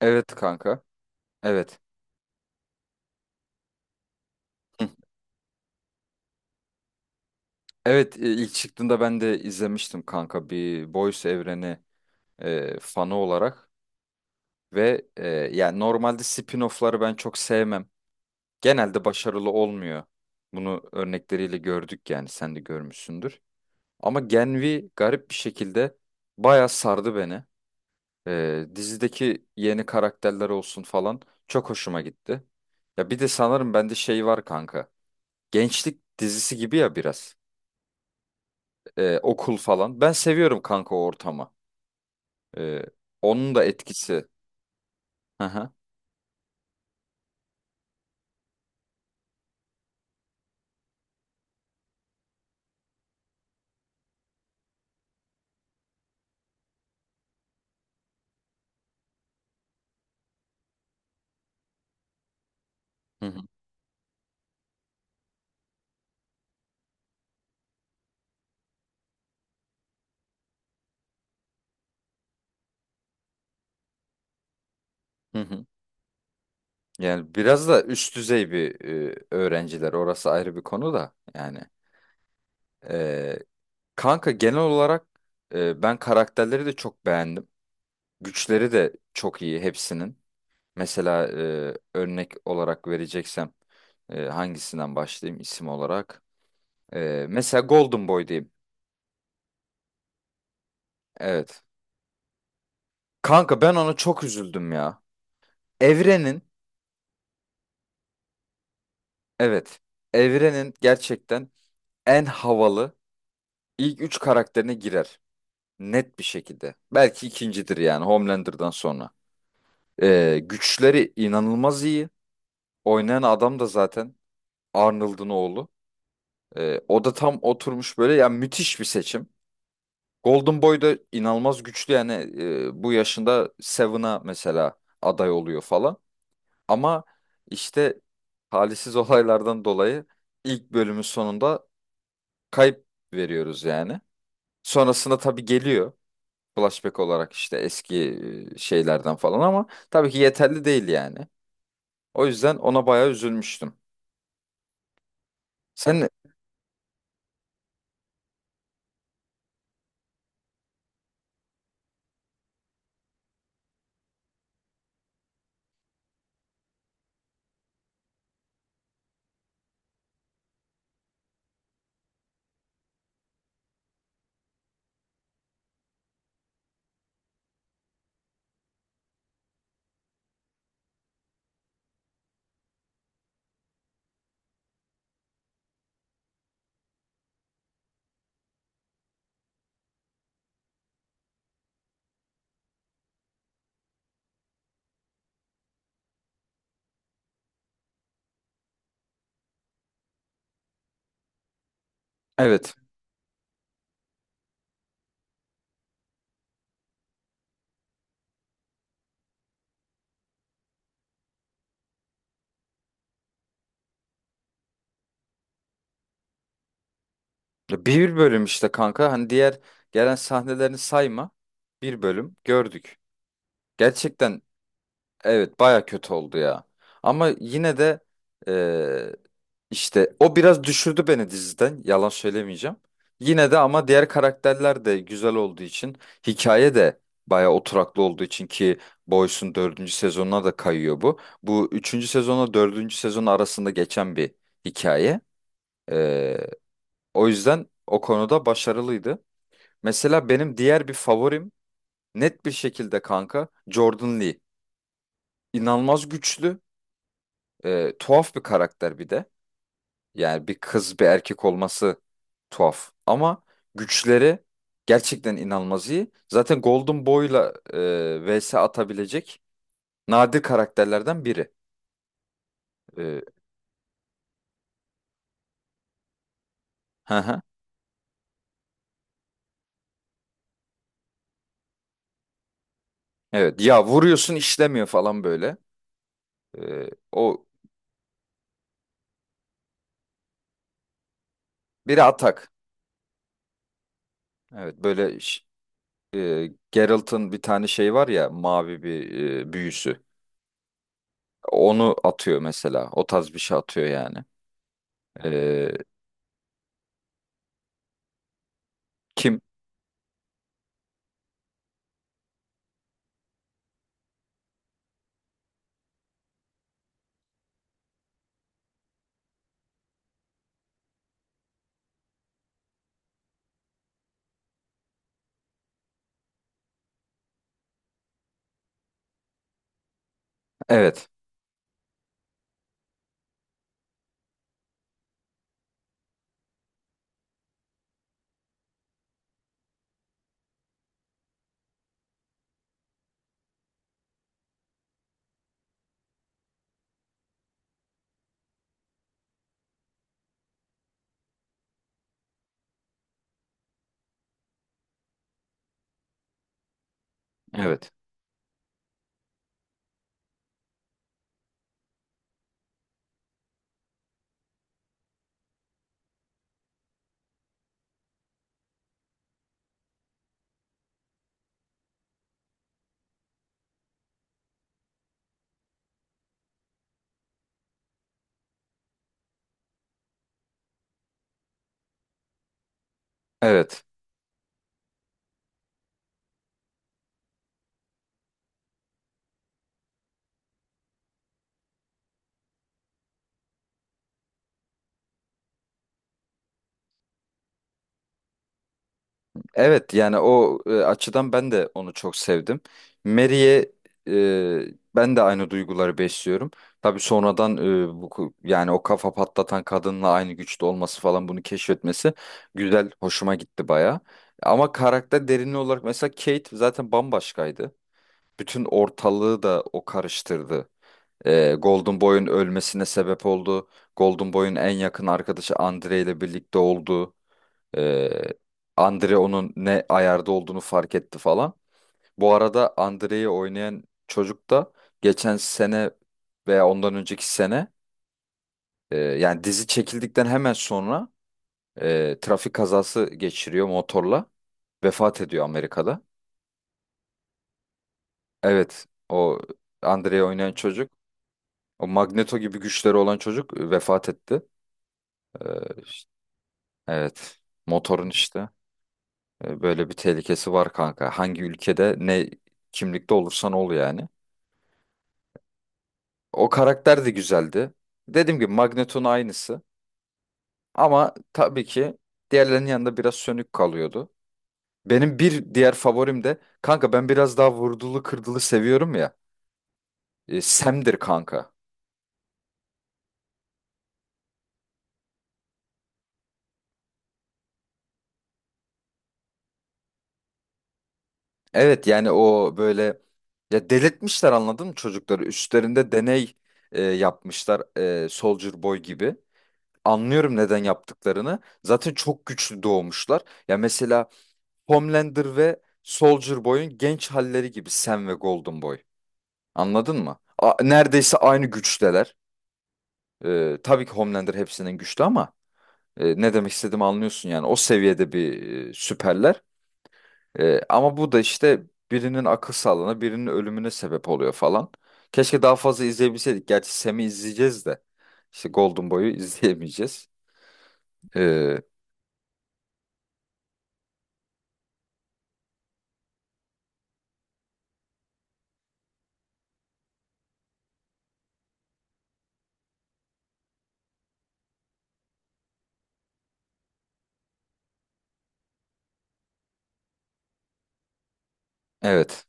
Evet kanka. Evet. Hı. Evet ilk çıktığında ben de izlemiştim kanka, bir Boys evreni fanı olarak ve yani normalde spin-off'ları ben çok sevmem. Genelde başarılı olmuyor. Bunu örnekleriyle gördük yani, sen de görmüşsündür. Ama Gen V garip bir şekilde bayağı sardı beni. Dizideki yeni karakterler olsun falan çok hoşuma gitti. Ya bir de sanırım bende şey var kanka. Gençlik dizisi gibi ya, biraz. Okul falan. Ben seviyorum kanka o ortamı. E, Onun da etkisi. Hı hı. Hı hı. Hı hı. Yani biraz da üst düzey bir öğrenciler. Orası ayrı bir konu da. Yani e, kanka, genel olarak ben karakterleri de çok beğendim. Güçleri de çok iyi hepsinin. Mesela örnek olarak vereceksem hangisinden başlayayım isim olarak? Mesela Golden Boy diyeyim. Evet. Kanka ben ona çok üzüldüm ya. Evrenin Evet. Evrenin gerçekten en havalı ilk üç karakterine girer. Net bir şekilde. Belki ikincidir yani, Homelander'dan sonra. Güçleri inanılmaz iyi. Oynayan adam da zaten Arnold'un oğlu. O da tam oturmuş böyle, yani müthiş bir seçim. Golden Boy da inanılmaz güçlü, yani bu yaşında Seven'a mesela aday oluyor falan. Ama işte talihsiz olaylardan dolayı ilk bölümün sonunda kayıp veriyoruz yani. Sonrasında tabii geliyor, flashback olarak işte eski şeylerden falan, ama tabii ki yeterli değil yani. O yüzden ona bayağı üzülmüştüm. Sen evet, bir bölüm işte kanka, hani diğer gelen sahnelerini sayma, bir bölüm gördük. Gerçekten Evet, baya kötü oldu ya. Ama yine de eee, işte o biraz düşürdü beni diziden. Yalan söylemeyeceğim. Yine de ama diğer karakterler de güzel olduğu için, hikaye de baya oturaklı olduğu için, ki Boys'un dördüncü sezonuna da kayıyor bu. Bu üçüncü sezonla dördüncü sezon arasında geçen bir hikaye. Eee, O yüzden o konuda başarılıydı. Mesela benim diğer bir favorim, net bir şekilde kanka, Jordan Lee. İnanılmaz güçlü. Tuhaf bir karakter bir de. Yani bir kız bir erkek olması tuhaf. Ama güçleri gerçekten inanılmaz iyi. Zaten Golden Boy'la vs atabilecek nadir karakterlerden biri. E, hı hı. Evet, ya vuruyorsun işlemiyor falan böyle. E, o Biri atak. Evet, böyle Geralt'ın bir tane şey var ya, mavi bir büyüsü. Onu atıyor mesela. O tarz bir şey atıyor yani. E, Kim? Evet. Evet. Evet. Evet, yani o açıdan ben de onu çok sevdim. Mary'e ben de aynı duyguları besliyorum. Tabii sonradan yani o kafa patlatan kadınla aynı güçte olması falan, bunu keşfetmesi güzel, hoşuma gitti baya. Ama karakter derinliği olarak mesela Kate zaten bambaşkaydı. Bütün ortalığı da o karıştırdı. Golden Boy'un ölmesine sebep oldu. Golden Boy'un en yakın arkadaşı Andre ile birlikte oldu. Ee, Andre onun ne ayarda olduğunu fark etti falan. Bu arada Andre'yi oynayan çocuk da geçen sene veya ondan önceki sene, yani dizi çekildikten hemen sonra trafik kazası geçiriyor motorla. Vefat ediyor Amerika'da. Evet, o Andre'yi oynayan çocuk, o Magneto gibi güçleri olan çocuk vefat etti. Ee, evet, motorun işte böyle bir tehlikesi var kanka. Hangi ülkede, ne kimlikte olursan ol yani. O karakter de güzeldi. Dediğim gibi Magneto'nun aynısı. Ama tabii ki diğerlerinin yanında biraz sönük kalıyordu. Benim bir diğer favorim de kanka, ben biraz daha vurdulu kırdılı seviyorum ya. Sam'dir kanka. Evet, yani o böyle, ya delirtmişler, anladın mı çocukları? Üstlerinde deney yapmışlar, Soldier Boy gibi. Anlıyorum neden yaptıklarını. Zaten çok güçlü doğmuşlar. Ya mesela Homelander ve Soldier Boy'un genç halleri gibi Sam ve Golden Boy. Anladın mı? Neredeyse aynı güçteler. Tabii ki Homelander hepsinin güçlü ama ne demek istediğimi anlıyorsun yani. O seviyede bir süperler. Ama bu da işte birinin akıl sağlığına, birinin ölümüne sebep oluyor falan. Keşke daha fazla izleyebilseydik. Gerçi Sam'i izleyeceğiz de. İşte Golden Boy'u izleyemeyeceğiz. Ee, evet,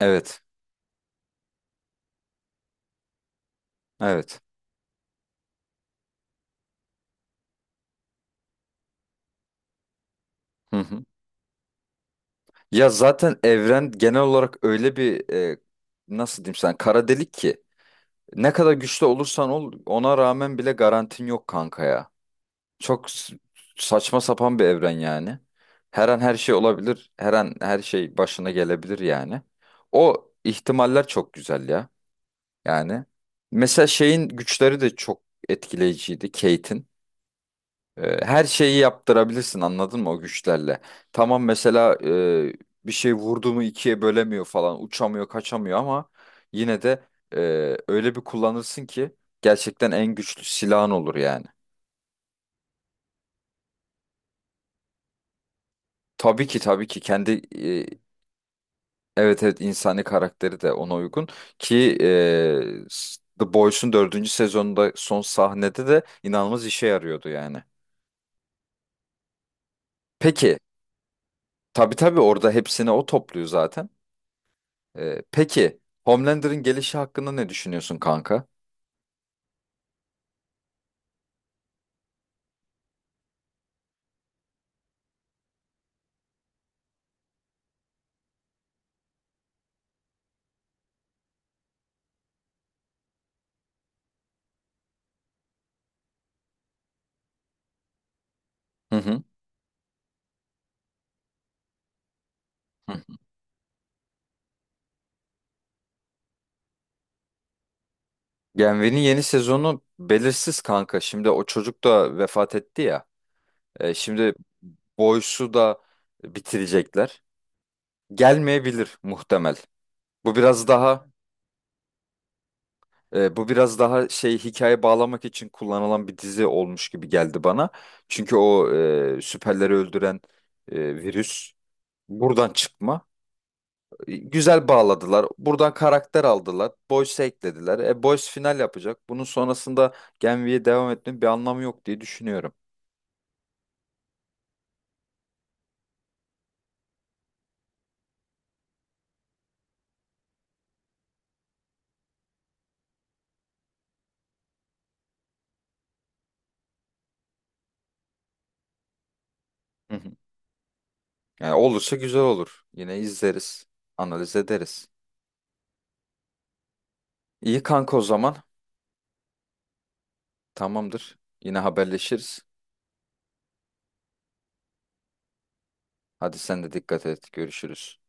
evet, evet. Hı hı. Ya zaten evren genel olarak öyle bir nasıl diyeyim sana, kara delik ki. Ne kadar güçlü olursan ol, ona rağmen bile garantin yok kanka ya. Çok saçma sapan bir evren yani. Her an her şey olabilir. Her an her şey başına gelebilir yani. O ihtimaller çok güzel ya. Yani mesela şeyin güçleri de çok etkileyiciydi, Kate'in. Her şeyi yaptırabilirsin, anladın mı, o güçlerle? Tamam, mesela bir şey vurdu mu ikiye bölemiyor falan, uçamıyor, kaçamıyor, ama yine de e, öyle bir kullanırsın ki gerçekten en güçlü silahın olur yani. Tabii ki tabii ki evet, evet, insani karakteri de ona uygun, ki The Boys'un dördüncü sezonunda son sahnede de inanılmaz işe yarıyordu yani. Peki, tabii tabii, orada hepsini o topluyor zaten. Peki, Homelander'ın gelişi hakkında ne düşünüyorsun kanka? Hı hı. Hı. Genvi'nin yeni sezonu belirsiz kanka. Şimdi o çocuk da vefat etti ya. Şimdi Boyce'u da bitirecekler. Gelmeyebilir muhtemel. Bu biraz daha bu biraz daha şey, hikaye bağlamak için kullanılan bir dizi olmuş gibi geldi bana. Çünkü o süperleri öldüren virüs buradan çıkma. Güzel bağladılar. Buradan karakter aldılar. Boyce eklediler. Boyce final yapacak. Bunun sonrasında Gen devam etmenin bir anlamı yok diye düşünüyorum. Hı hı. Yani olursa güzel olur. Yine izleriz. Analiz ederiz. İyi kanka o zaman. Tamamdır. Yine haberleşiriz. Hadi sen de dikkat et. Görüşürüz.